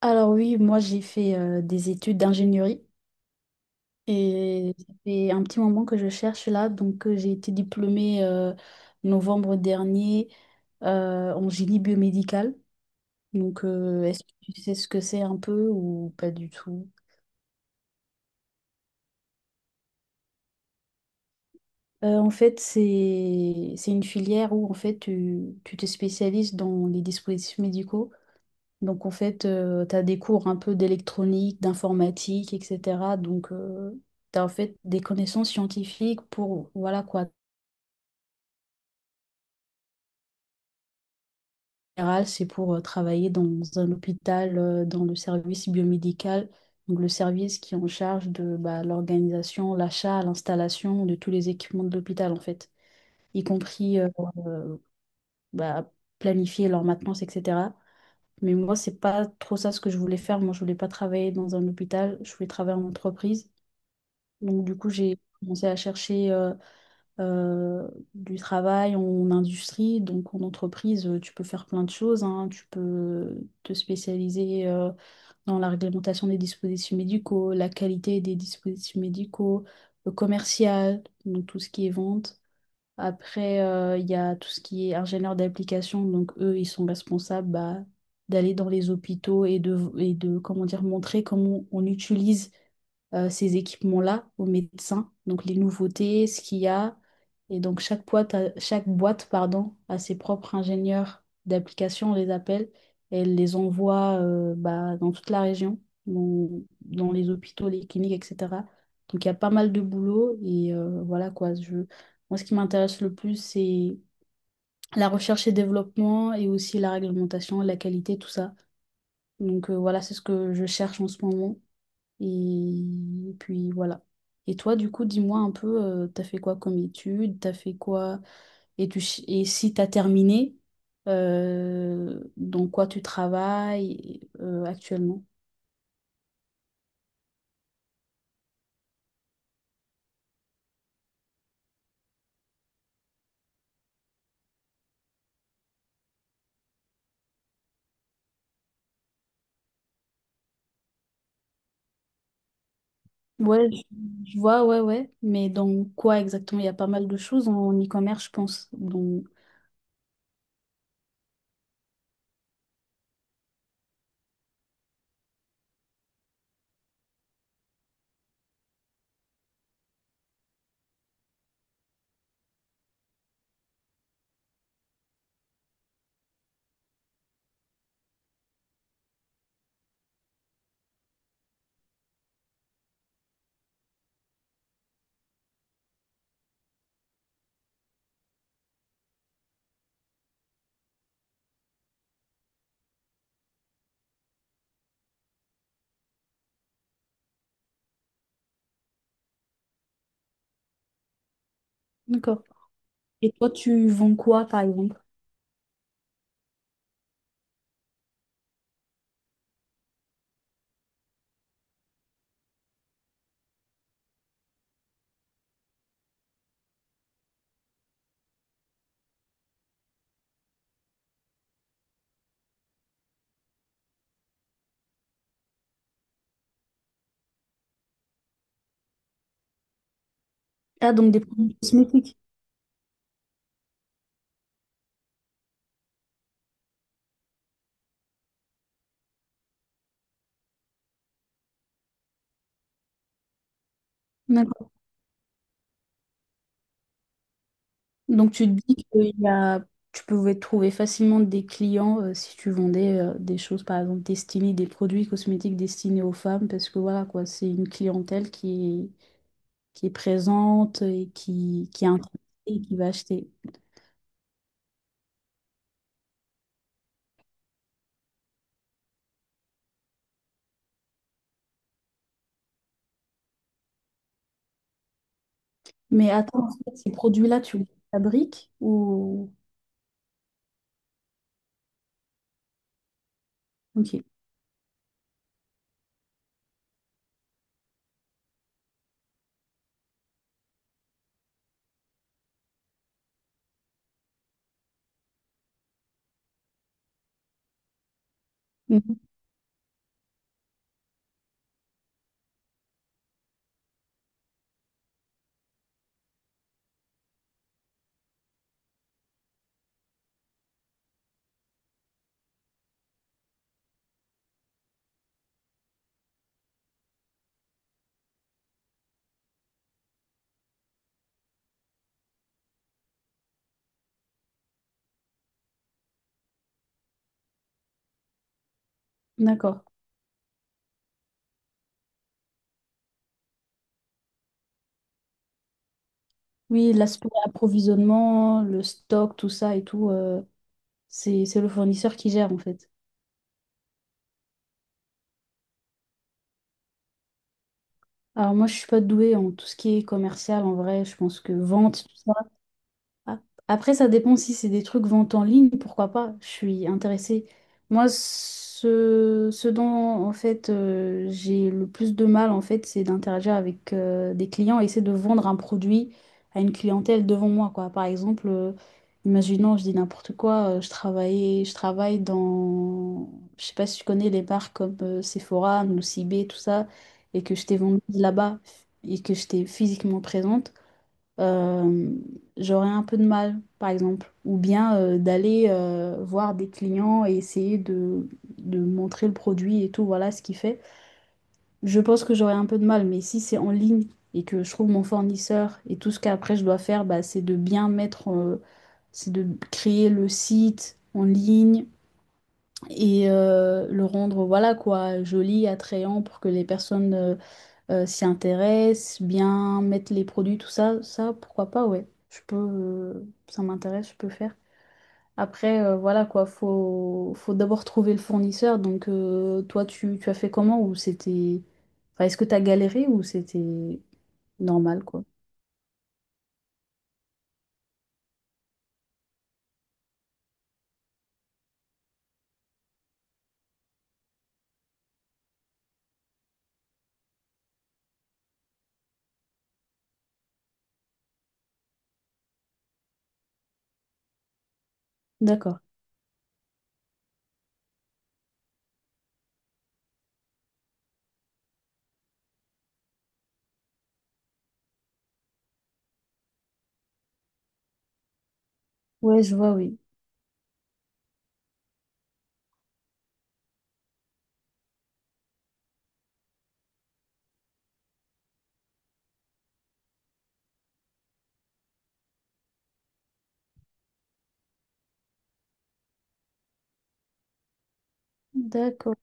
Alors oui, moi j'ai fait des études d'ingénierie et ça fait un petit moment que je cherche là. J'ai été diplômée novembre dernier en génie biomédical. Est-ce que tu sais ce que c'est un peu ou pas du tout? En fait, c'est une filière où en fait tu te spécialises dans les dispositifs médicaux. Donc en fait, tu as des cours un peu d'électronique, d'informatique, etc. Donc tu as en fait des connaissances scientifiques pour, voilà quoi, en général, c'est pour travailler dans un hôpital, dans le service biomédical, donc le service qui est en charge de bah, l'organisation, l'achat, l'installation de tous les équipements de l'hôpital en fait, y compris euh, bah, planifier leur maintenance, etc. Mais moi, c'est pas trop ça ce que je voulais faire. Moi, je voulais pas travailler dans un hôpital, je voulais travailler en entreprise. Donc, du coup, j'ai commencé à chercher euh, du travail en industrie. Donc, en entreprise, tu peux faire plein de choses, hein. Tu peux te spécialiser dans la réglementation des dispositifs médicaux, la qualité des dispositifs médicaux, le commercial, donc tout ce qui est vente. Après, il y a tout ce qui est ingénieur d'application. Donc, eux, ils sont responsables bah, d'aller dans les hôpitaux et de, comment dire, montrer comment on utilise ces équipements-là aux médecins, donc les nouveautés, ce qu'il y a. Et donc chaque boîte, pardon, a ses propres ingénieurs d'application, on les appelle, et elle les envoie bah, dans toute la région, dans, dans les hôpitaux, les cliniques, etc. Donc il y a pas mal de boulot et voilà quoi. Moi, ce qui m'intéresse le plus, c'est la recherche et développement et aussi la réglementation, la qualité, tout ça. Voilà, c'est ce que je cherche en ce moment. Et puis voilà. Et toi, du coup, dis-moi un peu, t'as fait quoi comme études, t'as fait quoi, et, tu, ch- et si t'as terminé, dans quoi tu travailles actuellement? Ouais, je vois, ouais, ouais, mais dans quoi exactement? Il y a pas mal de choses en e-commerce, je pense. Donc... D'accord. Et toi, tu vends quoi, par exemple? Ah, donc des produits cosmétiques. D'accord. Donc tu te dis que il y a- tu pouvais trouver facilement des clients si tu vendais des choses, par exemple, destinées, des produits cosmétiques destinés aux femmes, parce que voilà, quoi, c'est une clientèle qui est présente et qui est intéressée et qui va acheter. Mais attends, en fait, ces produits-là, tu les fabriques ou... Ok. Mhm. D'accord. Oui, l'aspect approvisionnement, le stock, tout ça et tout, c'est le fournisseur qui gère, en fait. Alors moi, je suis pas douée en tout ce qui est commercial en vrai. Je pense que vente, tout ça, ah, après, ça dépend si c'est des trucs vente en ligne, pourquoi pas, je suis intéressée. Moi, ce dont en fait j'ai le plus de mal en fait, c'est d'interagir avec des clients et essayer de vendre un produit à une clientèle devant moi, quoi. Par exemple, imaginons, je dis n'importe quoi, je travaille dans, je sais pas si tu connais les marques comme Sephora, Nocibé, tout ça, et que je t'ai vendu là-bas et que j'étais physiquement présente euh, j'aurais un peu de mal, par exemple. Ou bien d'aller voir des clients et essayer de montrer le produit et tout, voilà ce qu'il fait. Je pense que j'aurais un peu de mal, mais si c'est en ligne et que je trouve mon fournisseur et tout ce qu'après je dois faire, bah, c'est de créer le site en ligne et le rendre voilà quoi joli, attrayant pour que les personnes s'y intéressent, bien mettre les produits, tout ça, ça, pourquoi pas, ouais. Je peux, ça m'intéresse, je peux faire. Après, voilà quoi, faut d'abord trouver le fournisseur. Donc, toi, tu as fait comment ou c'était... Enfin, est-ce que t'as galéré ou c'était normal, quoi? D'accord. Ouais, je vois, oui. D'accord.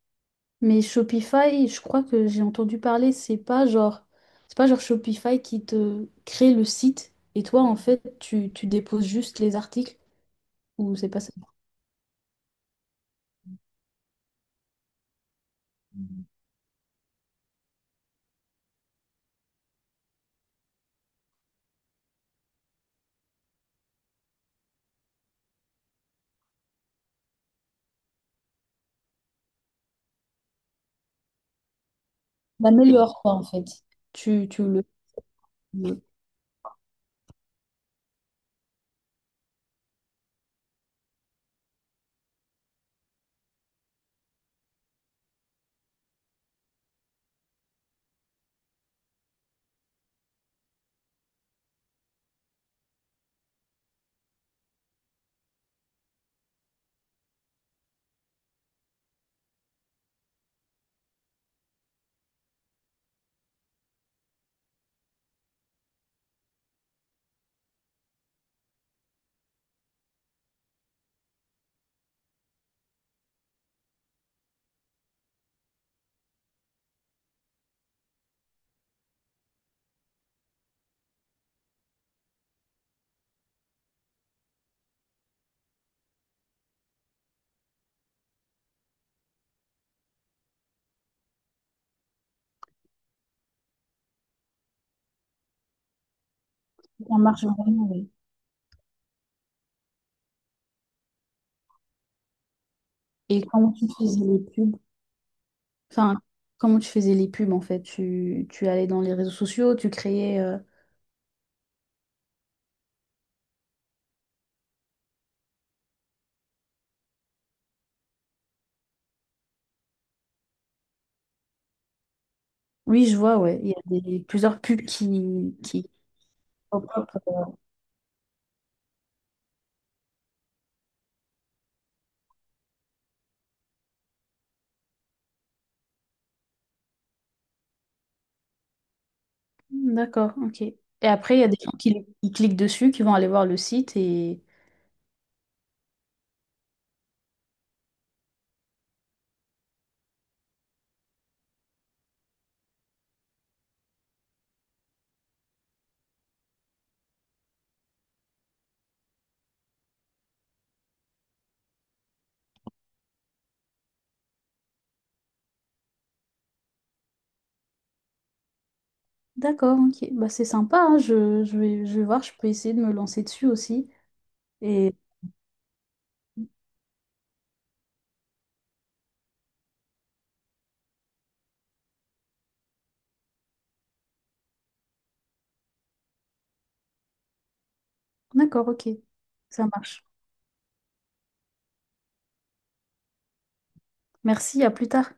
Mais Shopify, je crois que j'ai entendu parler, c'est pas genre Shopify qui te crée le site et toi, en fait, tu déposes juste les articles ou c'est pas ça? T'améliores quoi en fait. Tu, tu le, le- ça marche vraiment, ouais. Et comment tu faisais les pubs? Enfin, comment tu faisais les pubs en fait? Tu allais dans les réseaux sociaux, tu créais. Oui, je vois, ouais. Il y a des, plusieurs pubs qui... pop up. Hmm, d'accord, ok. Et après, il y a des gens qui cliquent dessus, qui vont aller voir le site et. D'accord, ok. Bah, c'est sympa, hein. Je vais voir, je peux essayer de me lancer dessus aussi. Et d'accord, ok. Ça marche. Merci, à plus tard.